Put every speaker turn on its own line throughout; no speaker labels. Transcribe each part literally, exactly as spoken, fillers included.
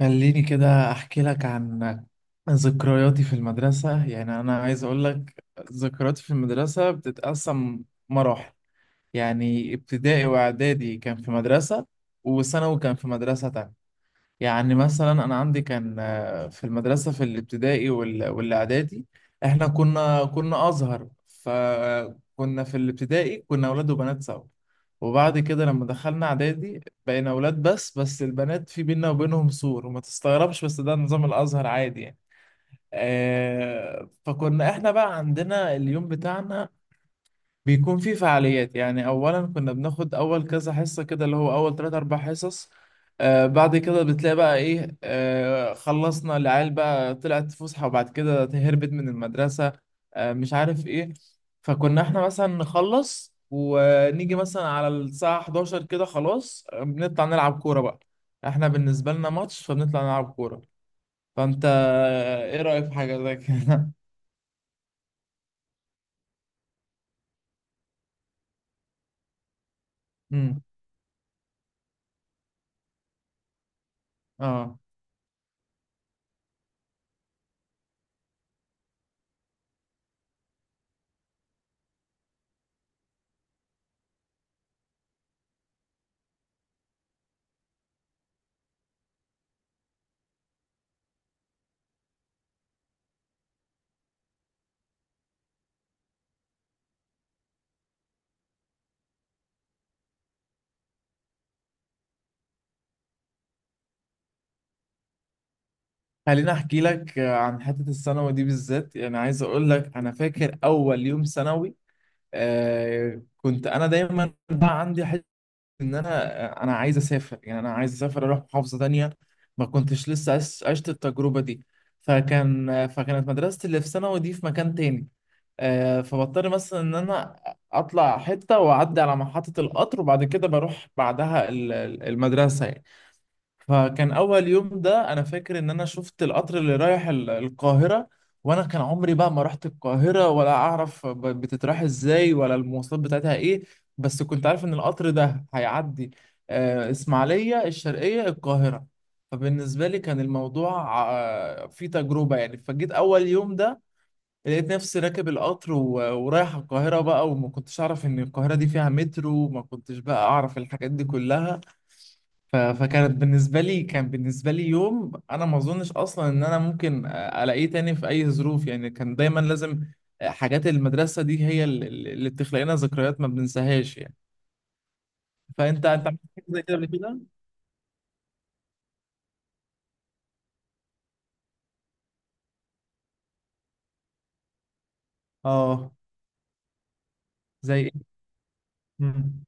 خليني كده احكي لك عن ذكرياتي في المدرسة. يعني انا عايز اقول لك ذكرياتي في المدرسة بتتقسم مراحل. يعني ابتدائي واعدادي كان في مدرسة، وثانوي كان في مدرسة تانية. يعني مثلا انا عندي كان آه، في المدرسه في الابتدائي وال- والاعدادي احنا كنا كنا ازهر، فكنا في الابتدائي كنا اولاد وبنات سوا. وبعد كده لما دخلنا اعدادي بقينا اولاد بس، بس البنات في بينا وبينهم سور. وما تستغربش، بس ده نظام الازهر عادي يعني. آه، فكنا احنا بقى عندنا اليوم بتاعنا بيكون في فعاليات. يعني اولا كنا بناخد اول كذا حصه كده، اللي هو اول ثلاث اربع حصص. آه بعد كده بتلاقي بقى ايه، آه خلصنا العيال بقى، طلعت فسحه وبعد كده هربت من المدرسه، آه مش عارف ايه. فكنا احنا مثلا نخلص ونيجي مثلا على الساعه الحداشر كده خلاص. آه، بنطلع نلعب كوره بقى. احنا بالنسبه لنا ماتش، فبنطلع نلعب كوره. فانت آه، ايه رايك في حاجه زي كده؟ امم اه. خليني احكي لك عن حته الثانوي دي بالذات. يعني عايز اقول لك انا فاكر اول يوم ثانوي. آه كنت انا دايما بقى عندي حته ان انا، آه، انا عايز اسافر. يعني انا عايز اسافر اروح محافظه تانية، ما كنتش لسه عش- عشت التجربه دي. فكان فكانت مدرستي اللي في ثانوي دي في مكان تاني. آه فبضطر مثلا ان انا اطلع حته واعدي على محطه القطر وبعد كده بروح بعدها ال- المدرسه يعني. فكان اول يوم ده انا فاكر ان انا شفت القطر اللي رايح ال- القاهره، وانا كان عمري بقى ما رحت القاهره ولا اعرف ب- بتتراح ازاي، ولا المواصلات بتاعتها ايه. بس كنت عارف ان القطر ده هيعدي آه، اسماعيليه الشرقيه القاهره. فبالنسبه لي كان الموضوع آه، فيه تجربه يعني. فجيت اول يوم ده لقيت نفسي راكب القطر و- ورايح القاهره بقى، وما كنتش اعرف ان القاهره دي فيها مترو، وما كنتش بقى اعرف الحاجات دي كلها. ف- فكانت بالنسبة لي، كان بالنسبة لي يوم أنا ما أظنش أصلا إن أنا ممكن ألاقيه تاني في أي ظروف. يعني كان دايما لازم، حاجات المدرسة دي هي ال- ال- اللي بتخلق لنا ذكريات ما بننساهاش يعني. فأنت أنت عملت حاجة زي كده قبل كده؟ آه زي إيه؟ مم.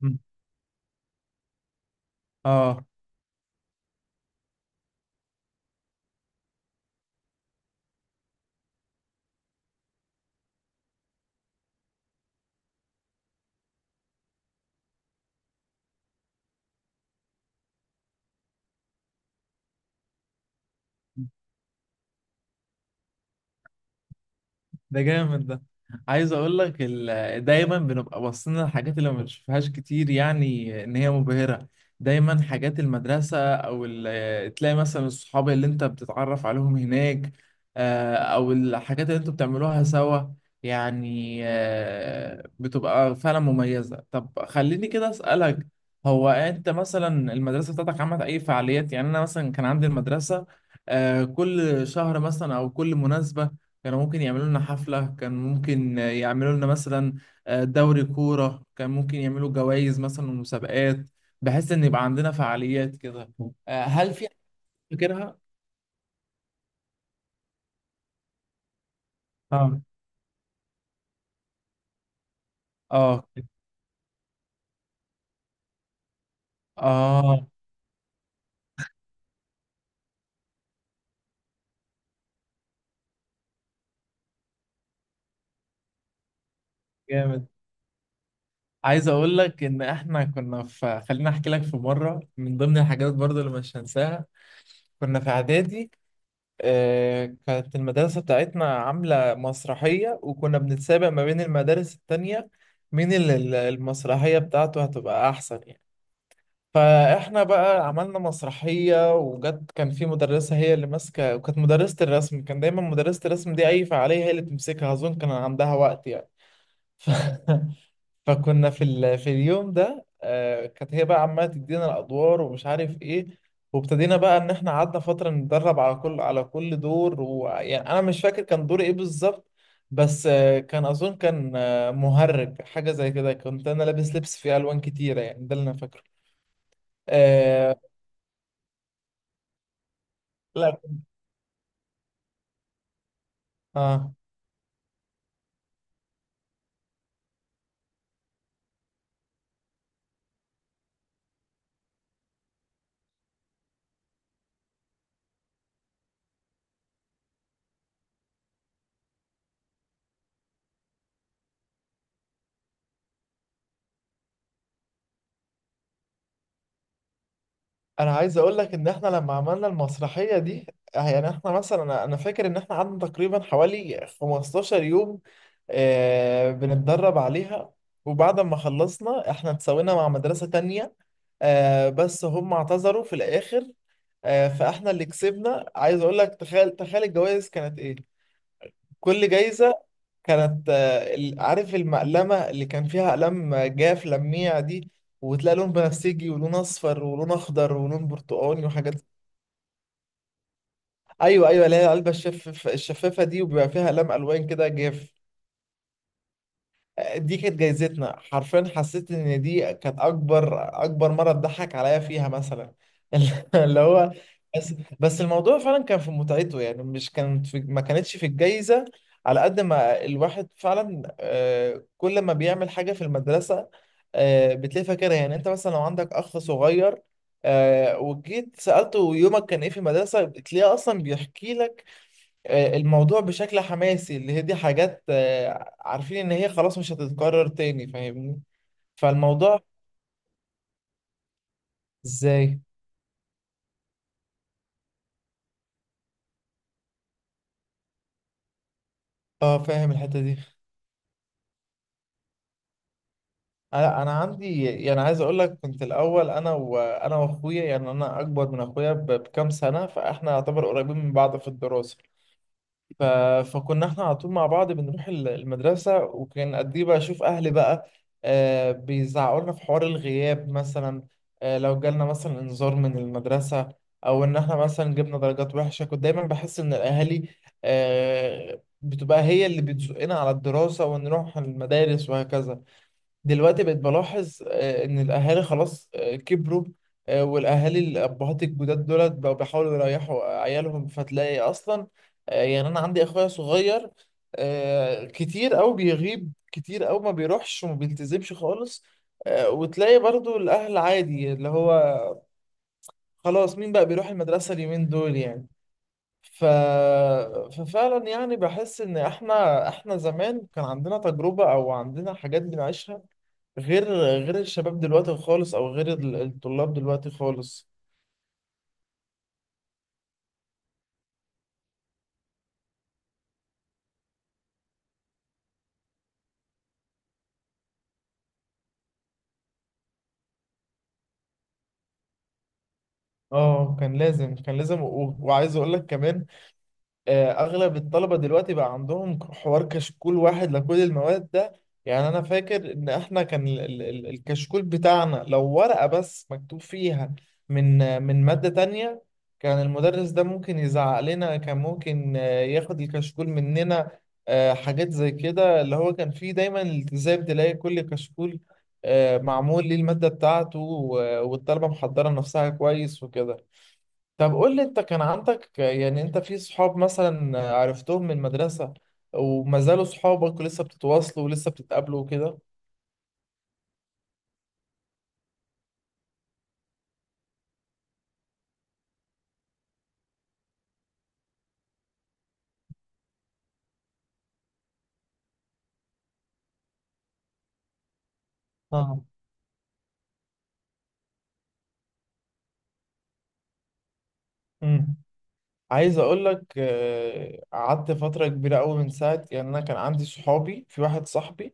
مم. آه ده جامد ده. عايز اقول لك ال- دايما بنبقى باصين للحاجات اللي ما بنشوفهاش كتير، يعني ان هي مبهرة. دايما حاجات المدرسة او ال- تلاقي مثلا الصحاب اللي انت بتتعرف عليهم هناك، آه، او الحاجات اللي انتوا بتعملوها سوا. يعني آه، بتبقى فعلا مميزة. طب خليني كده اسألك، هو انت مثلا المدرسة بتاعتك عملت اي فعاليات؟ يعني انا مثلا كان عندي المدرسة آه، كل شهر مثلا او كل مناسبة كانوا ممكن يعملوا لنا حفلة، كان ممكن يعملوا لنا مثلا آه، دوري كورة، كان ممكن يعملوا جوائز مثلا ومسابقات، بحيث ان يبقى عندنا فعاليات كده. آه، هل في حاجة فاكرها؟ اه. اه. اه جامد. عايز اقول لك ان احنا كنا في، خليني احكي لك في مرة من ضمن الحاجات برضو اللي مش هنساها. كنا في اعدادي آه، كانت المدرسة بتاعتنا عاملة مسرحية وكنا بنتسابق ما بين المدارس التانية مين ال- ال- المسرحية بتاعته هتبقى أحسن يعني. فإحنا بقى عملنا مسرحية وجت، كان في مدرسة هي اللي ماسكة، وكانت مدرسة الرسم. كان دايما مدرسة الرسم دي أي فعالية هي اللي بتمسكها، أظن كان عندها وقت يعني. ف... فكنا في ال... في اليوم ده آه، كانت هي بقى عماله تدينا الادوار ومش عارف ايه. وابتدينا بقى ان احنا قعدنا فتره نتدرب على كل على كل دور. ويعني انا مش فاكر كان دور ايه بالظبط، بس آه، كان اظن كان آه، مهرج حاجه زي كده. كنت انا لابس لبس فيه الوان كتيره، يعني ده اللي انا فاكره. آه... لا. اه. انا عايز اقول لك ان احنا لما عملنا المسرحيه دي، يعني احنا مثلا انا أنا فاكر ان احنا قعدنا تقريبا حوالي 15 يوم آه بنتدرب عليها. وبعد ما خلصنا احنا اتساوينا مع مدرسه تانية، آه بس هم اعتذروا في الاخر. آه فاحنا اللي كسبنا. عايز اقول لك، تخيل، تخيل الجوائز كانت ايه، كل جايزة كانت آه، ال- عارف المقلمة اللي كان فيها أقلام جاف لميع دي، وتلاقي لون بنفسجي ولون أصفر ولون أخضر ولون برتقاني وحاجات. أيوه أيوه، اللي هي العلبة الشفاف الشفافة دي، وبيبقى فيها أقلام ألوان كده جاف. دي كانت جايزتنا. حرفيا حسيت ان دي كانت اكبر، اكبر مره اتضحك عليا فيها مثلا. اللي هو، بس بس الموضوع فعلا كان في متعته يعني. مش كانت في ما كانتش في الجايزه. على قد ما الواحد فعلا آه، كل ما بيعمل حاجه في المدرسه آه، بتلاقي فاكرها. يعني انت مثلا لو عندك اخ صغير آه، وجيت سالته يومك كان ايه في المدرسه، بتلاقيه اصلا بيحكي لك آه، الموضوع بشكل حماسي. اللي هي دي حاجات آه، عارفين ان هي خلاص مش هتتكرر تاني، فاهمني؟ فالموضوع ازاي؟ اه فاهم الحتة دي. انا أنا عندي يعني، عايز اقول لك كنت الاول انا وانا واخويا. يعني انا اكبر من اخويا ب- بكام سنة، فاحنا يعتبر قريبين من بعض في الدراسة. ف... فكنا احنا على طول مع بعض بنروح ال- المدرسة. وكان قد ايه بشوف اهلي بقى آه بيزعقوا لنا في حوار الغياب مثلا، آه لو جالنا مثلا انذار من المدرسة، او ان احنا مثلا جبنا درجات وحشة. كنت دايما بحس ان الاهالي آه بتبقى هي اللي بتزقنا على الدراسة ونروح المدارس وهكذا. دلوقتي بقيت بلاحظ آه، ان الاهالي خلاص آه، كبروا. آه، والاهالي الابهات الجداد دولت بقوا بيحاولوا يريحوا عيالهم، فتلاقي اصلا آه، يعني انا عندي اخويا صغير آه، كتير او بيغيب كتير او ما بيروحش وما بيلتزمش خالص. آه، وتلاقي برضو الاهل عادي، اللي هو خلاص مين بقى بيروح المدرسة اليومين دول يعني. ف... ففعلا يعني بحس ان احنا احنا زمان كان عندنا تجربة او عندنا حاجات بنعيشها، غير، غير الشباب دلوقتي خالص، او غير ال- الطلاب دلوقتي خالص. اه كان لازم، كان لازم. و- وعايز اقول لك كمان آه، اغلب الطلبه دلوقتي بقى عندهم حوار كشكول واحد لكل المواد ده. يعني انا فاكر ان احنا كان ال- ال- ال- الكشكول بتاعنا لو ورقه بس مكتوب فيها من آه، من ماده تانية، كان المدرس ده ممكن يزعق لنا، كان ممكن آه، ياخد الكشكول مننا. آه، حاجات زي كده، اللي هو كان فيه دايما التزام. تلاقي كل كشكول آه، معمول للماده بتاعته، و- والطلبه محضره نفسها كويس وكده. طب قول لي انت كان عندك يعني، انت في صحاب مثلا عرفتهم من المدرسة وما زالوا صحابك ولسه بتتواصلوا ولسه بتتقابلوا وكده؟ اه. امم. عايز اقول لك آه، قعدت فترة كبيرة قوي من ساعة. يعني انا كان عندي صحابي، في واحد صاحبي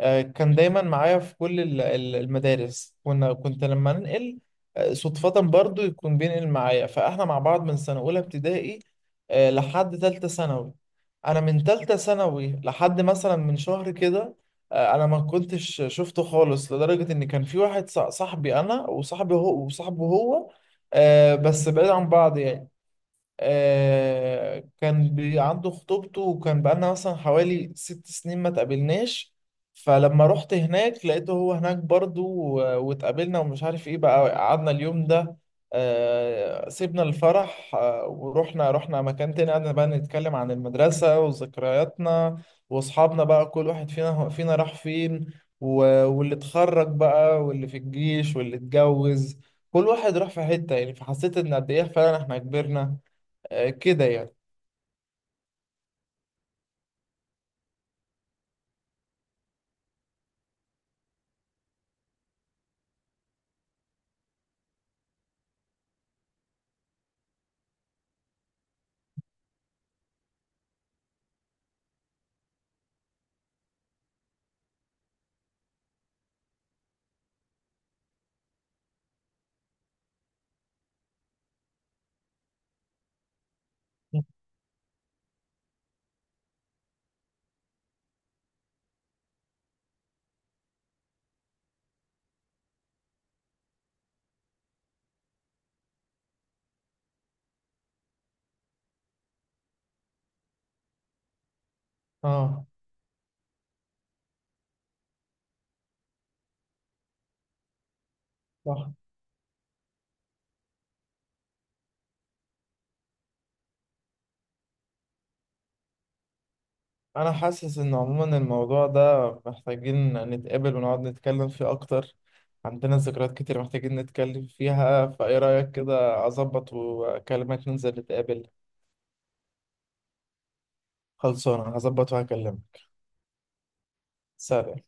آه، كان دايما معايا في كل ال- ال- المدارس. كنا كنت لما ننقل آه، صدفة برضو يكون بينقل معايا. فاحنا مع بعض من سنة أولى ابتدائي آه، لحد تالتة ثانوي. أنا من تالتة ثانوي لحد مثلا من شهر كده آه، أنا ما كنتش شفته خالص. لدرجة إن كان في واحد ص- صاحبي، أنا وصاحبي هو وصاحبه هو آه، بس بعيد عن بعض يعني. آه كان بي عنده خطوبته، وكان بقالنا مثلا حوالي ست سنين ما تقابلناش. فلما رحت هناك لقيته هو هناك برضو، و- واتقابلنا ومش عارف ايه بقى. قعدنا اليوم ده آه سيبنا الفرح آه ورحنا، رحنا مكان تاني. قعدنا بقى نتكلم عن المدرسة وذكرياتنا واصحابنا بقى، كل واحد فينا فينا راح فين. و- واللي اتخرج بقى واللي في الجيش واللي اتجوز، كل واحد راح في حتة يعني. فحسيت ان قد ايه فعلا احنا كبرنا آه، كده يعني. اه صح. انا حاسس ان عموما الموضوع ده محتاجين نتقابل ونقعد نتكلم فيه اكتر. عندنا ذكريات كتير محتاجين نتكلم فيها، فايه رأيك كده اظبط واكلمك ننزل نتقابل؟ خلصانه، هظبط وهكلمك. سلام.